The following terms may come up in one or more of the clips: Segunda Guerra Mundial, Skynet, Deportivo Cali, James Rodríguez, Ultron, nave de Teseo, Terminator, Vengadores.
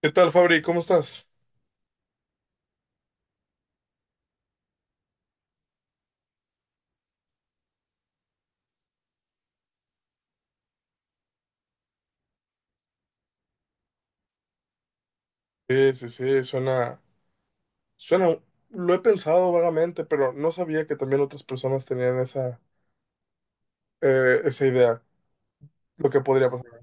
¿Qué tal, Fabri? ¿Cómo estás? Sí, sí, sí, suena, suena, lo he pensado vagamente, pero no sabía que también otras personas tenían esa, esa idea, lo que podría pasar.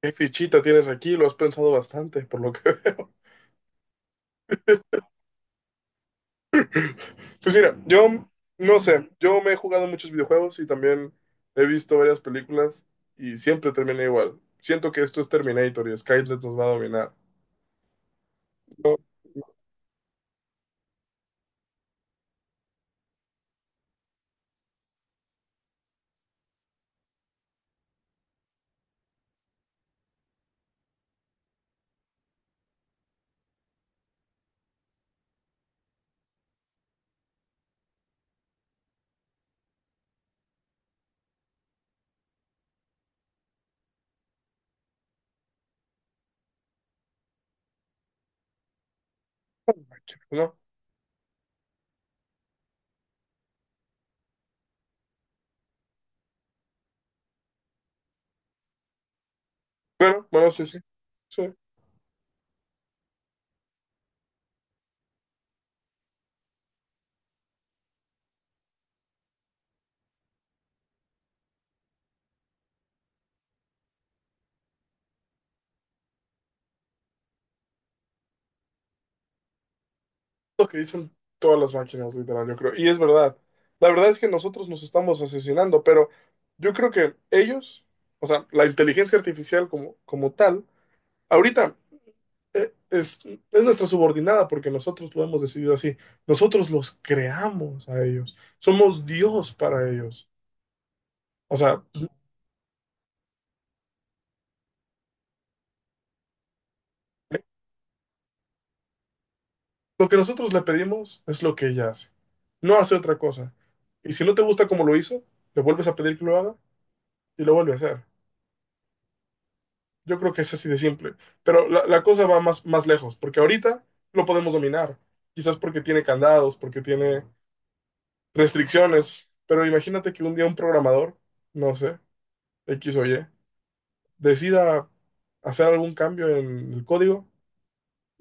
¿Qué fichita tienes aquí? Lo has pensado bastante, por lo que veo. Pues mira, yo no sé, yo me he jugado muchos videojuegos y también he visto varias películas y siempre termina igual. Siento que esto es Terminator y Skynet nos va a dominar. No, no, ¿no? No. Pero, bueno, sí, sí, sí. Lo que dicen todas las máquinas, literal, yo creo. Y es verdad. La verdad es que nosotros nos estamos asesinando, pero yo creo que ellos, o sea, la inteligencia artificial como, como tal, ahorita eh, es, es nuestra subordinada porque nosotros lo hemos decidido así. Nosotros los creamos a ellos. Somos Dios para ellos. O sea, lo que nosotros le pedimos es lo que ella hace. No hace otra cosa. Y si no te gusta como lo hizo, le vuelves a pedir que lo haga y lo vuelve a hacer. Yo creo que es así de simple. Pero la cosa va más, más lejos, porque ahorita lo podemos dominar. Quizás porque tiene candados, porque tiene restricciones. Pero imagínate que un día un programador, no sé, X o Y, decida hacer algún cambio en el código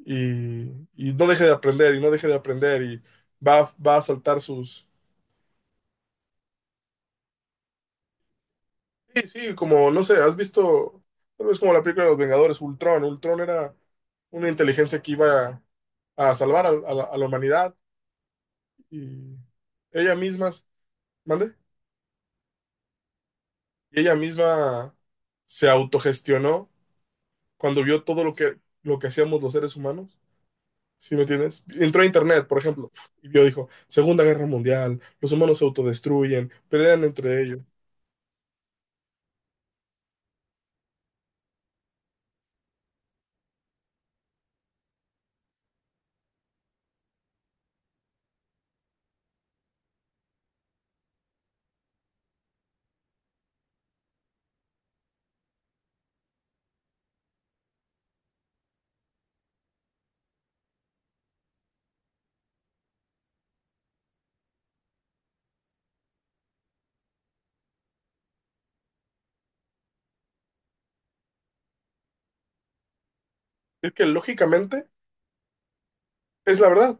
y no deje de aprender, y no deje de aprender, y va, va a saltar sus... Sí, sí, como, no sé, has visto, tal vez como la película de los Vengadores, Ultron. Ultron era una inteligencia que iba a salvar a la humanidad. Y ella misma, ¿mande? Y ella misma se autogestionó cuando vio todo lo que hacíamos los seres humanos. ¿Sí me entiendes? Entró a internet, por ejemplo, y vio, dijo, Segunda Guerra Mundial, los humanos se autodestruyen, pelean entre ellos. Es que lógicamente es la verdad.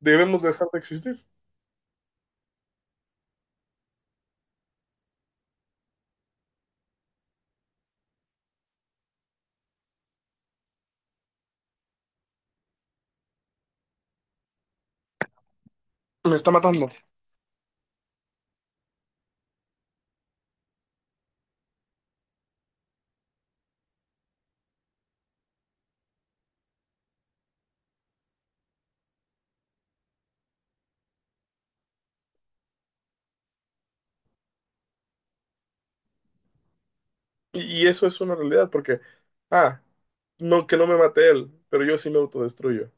Debemos dejar de existir. Me está matando. Y eso es una realidad, porque, ah, no, que no me mate él, pero yo sí me autodestruyo.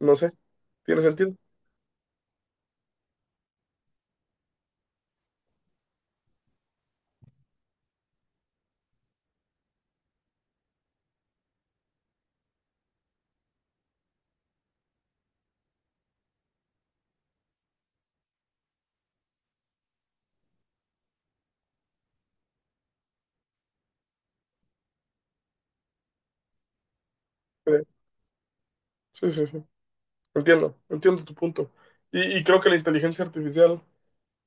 No sé. ¿Tiene sentido? Sí, sí, sí. Entiendo, entiendo tu punto. Y creo que la inteligencia artificial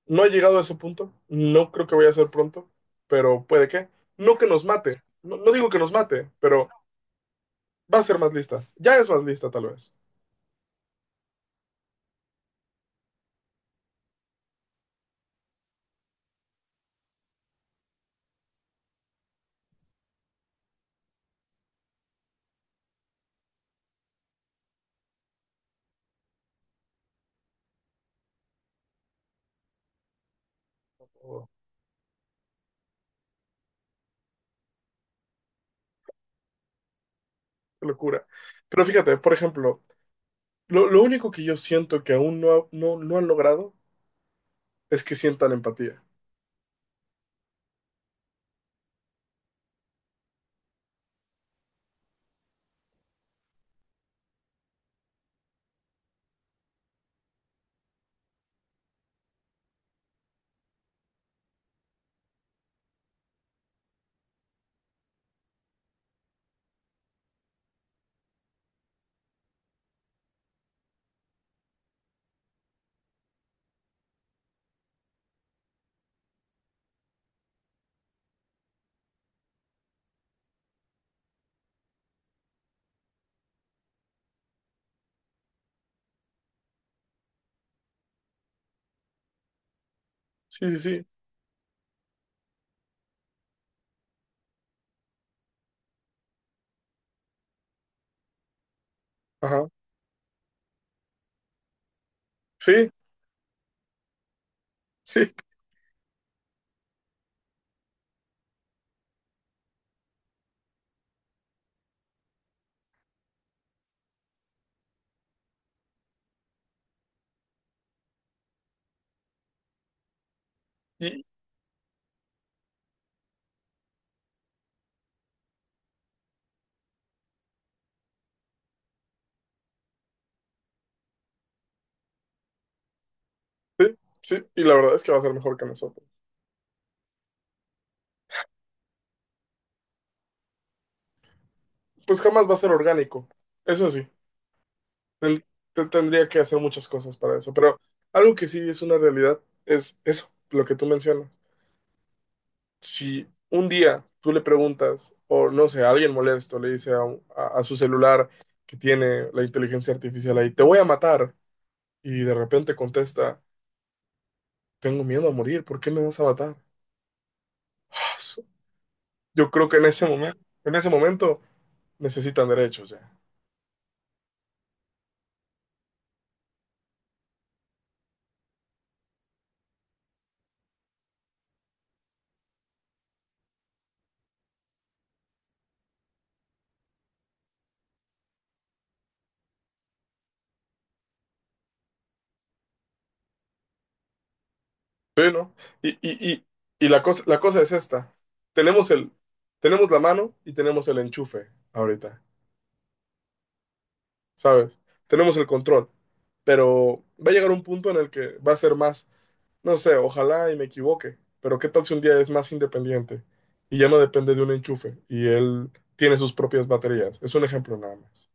no ha llegado a ese punto, no creo que vaya a ser pronto, pero puede que. No que nos mate, no, no digo que nos mate, pero va a ser más lista. Ya es más lista tal vez. Oh, qué locura. Pero fíjate, por ejemplo, lo único que yo siento que aún no, no, no han logrado es que sientan empatía. Sí, sí, sí. Ajá. Sí, sí. Y, sí, sí. Y la verdad es que va a ser mejor que nosotros. Pues jamás va a ser orgánico, eso sí. Él tendría que hacer muchas cosas para eso, pero algo que sí es una realidad es eso, lo que tú mencionas. Si un día tú le preguntas, o no sé, a alguien molesto le dice a, a su celular que tiene la inteligencia artificial ahí, te voy a matar, y de repente contesta, tengo miedo a morir, ¿por qué me vas a matar? Yo creo que en ese momento necesitan derechos ya. Sí, ¿no? Y, y, y, y la cosa es esta. Tenemos el, tenemos la mano y tenemos el enchufe ahorita, ¿sabes? Tenemos el control, pero va a llegar un punto en el que va a ser más, no sé, ojalá y me equivoque, pero ¿qué tal si un día es más independiente y ya no depende de un enchufe y él tiene sus propias baterías? Es un ejemplo nada más.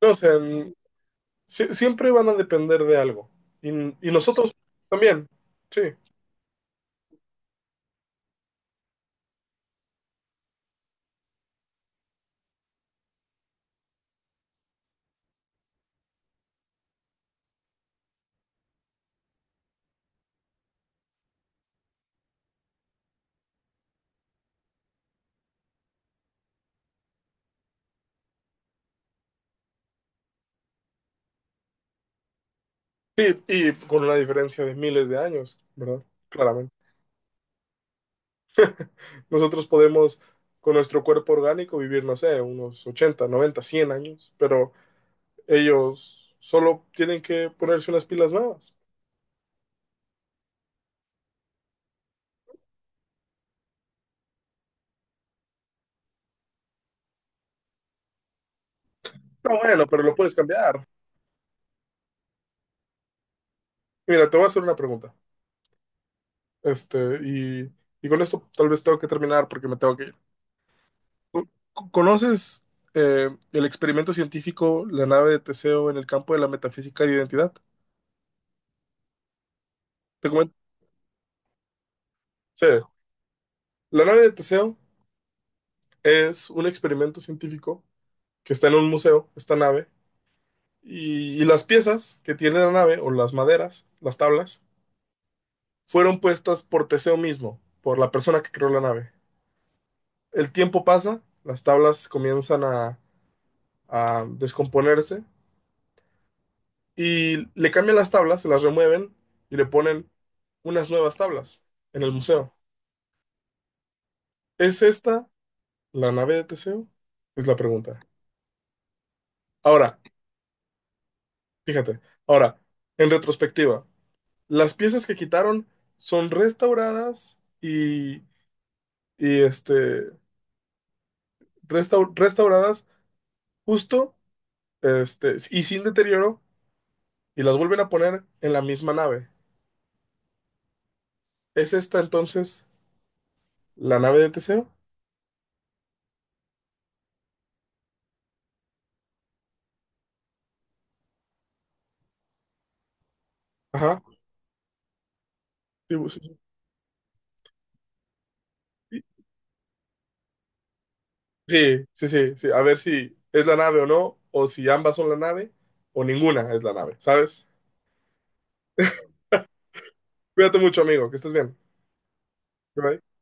No sé, siempre van a depender de algo y nosotros también, sí. Sí, y con una diferencia de miles de años, ¿verdad? Claramente. Nosotros podemos, con nuestro cuerpo orgánico, vivir, no sé, unos 80, 90, 100 años, pero ellos solo tienen que ponerse unas pilas nuevas. No, bueno, pero lo puedes cambiar. Mira, te voy a hacer una pregunta. Este, y con esto tal vez tengo que terminar porque me tengo que ir. ¿Conoces el experimento científico, la nave de Teseo en el campo de la metafísica de identidad? Te comento. Sí. La nave de Teseo es un experimento científico que está en un museo, esta nave, y las piezas que tiene la nave, o las maderas, las tablas, fueron puestas por Teseo mismo, por la persona que creó la nave. El tiempo pasa, las tablas comienzan a descomponerse y le cambian las tablas, se las remueven y le ponen unas nuevas tablas en el museo. ¿Es esta la nave de Teseo? Es la pregunta. Ahora, fíjate, ahora, en retrospectiva, las piezas que quitaron son restauradas y, este, restauradas justo este, y sin deterioro y las vuelven a poner en la misma nave. ¿Es esta entonces la nave de Teseo? Ajá. Sí, sí, sí, sí, sí, sí, sí. A ver si es la nave o no, o si ambas son la nave, o ninguna es la nave, ¿sabes? Cuídate mucho, amigo, que estés bien. Bye.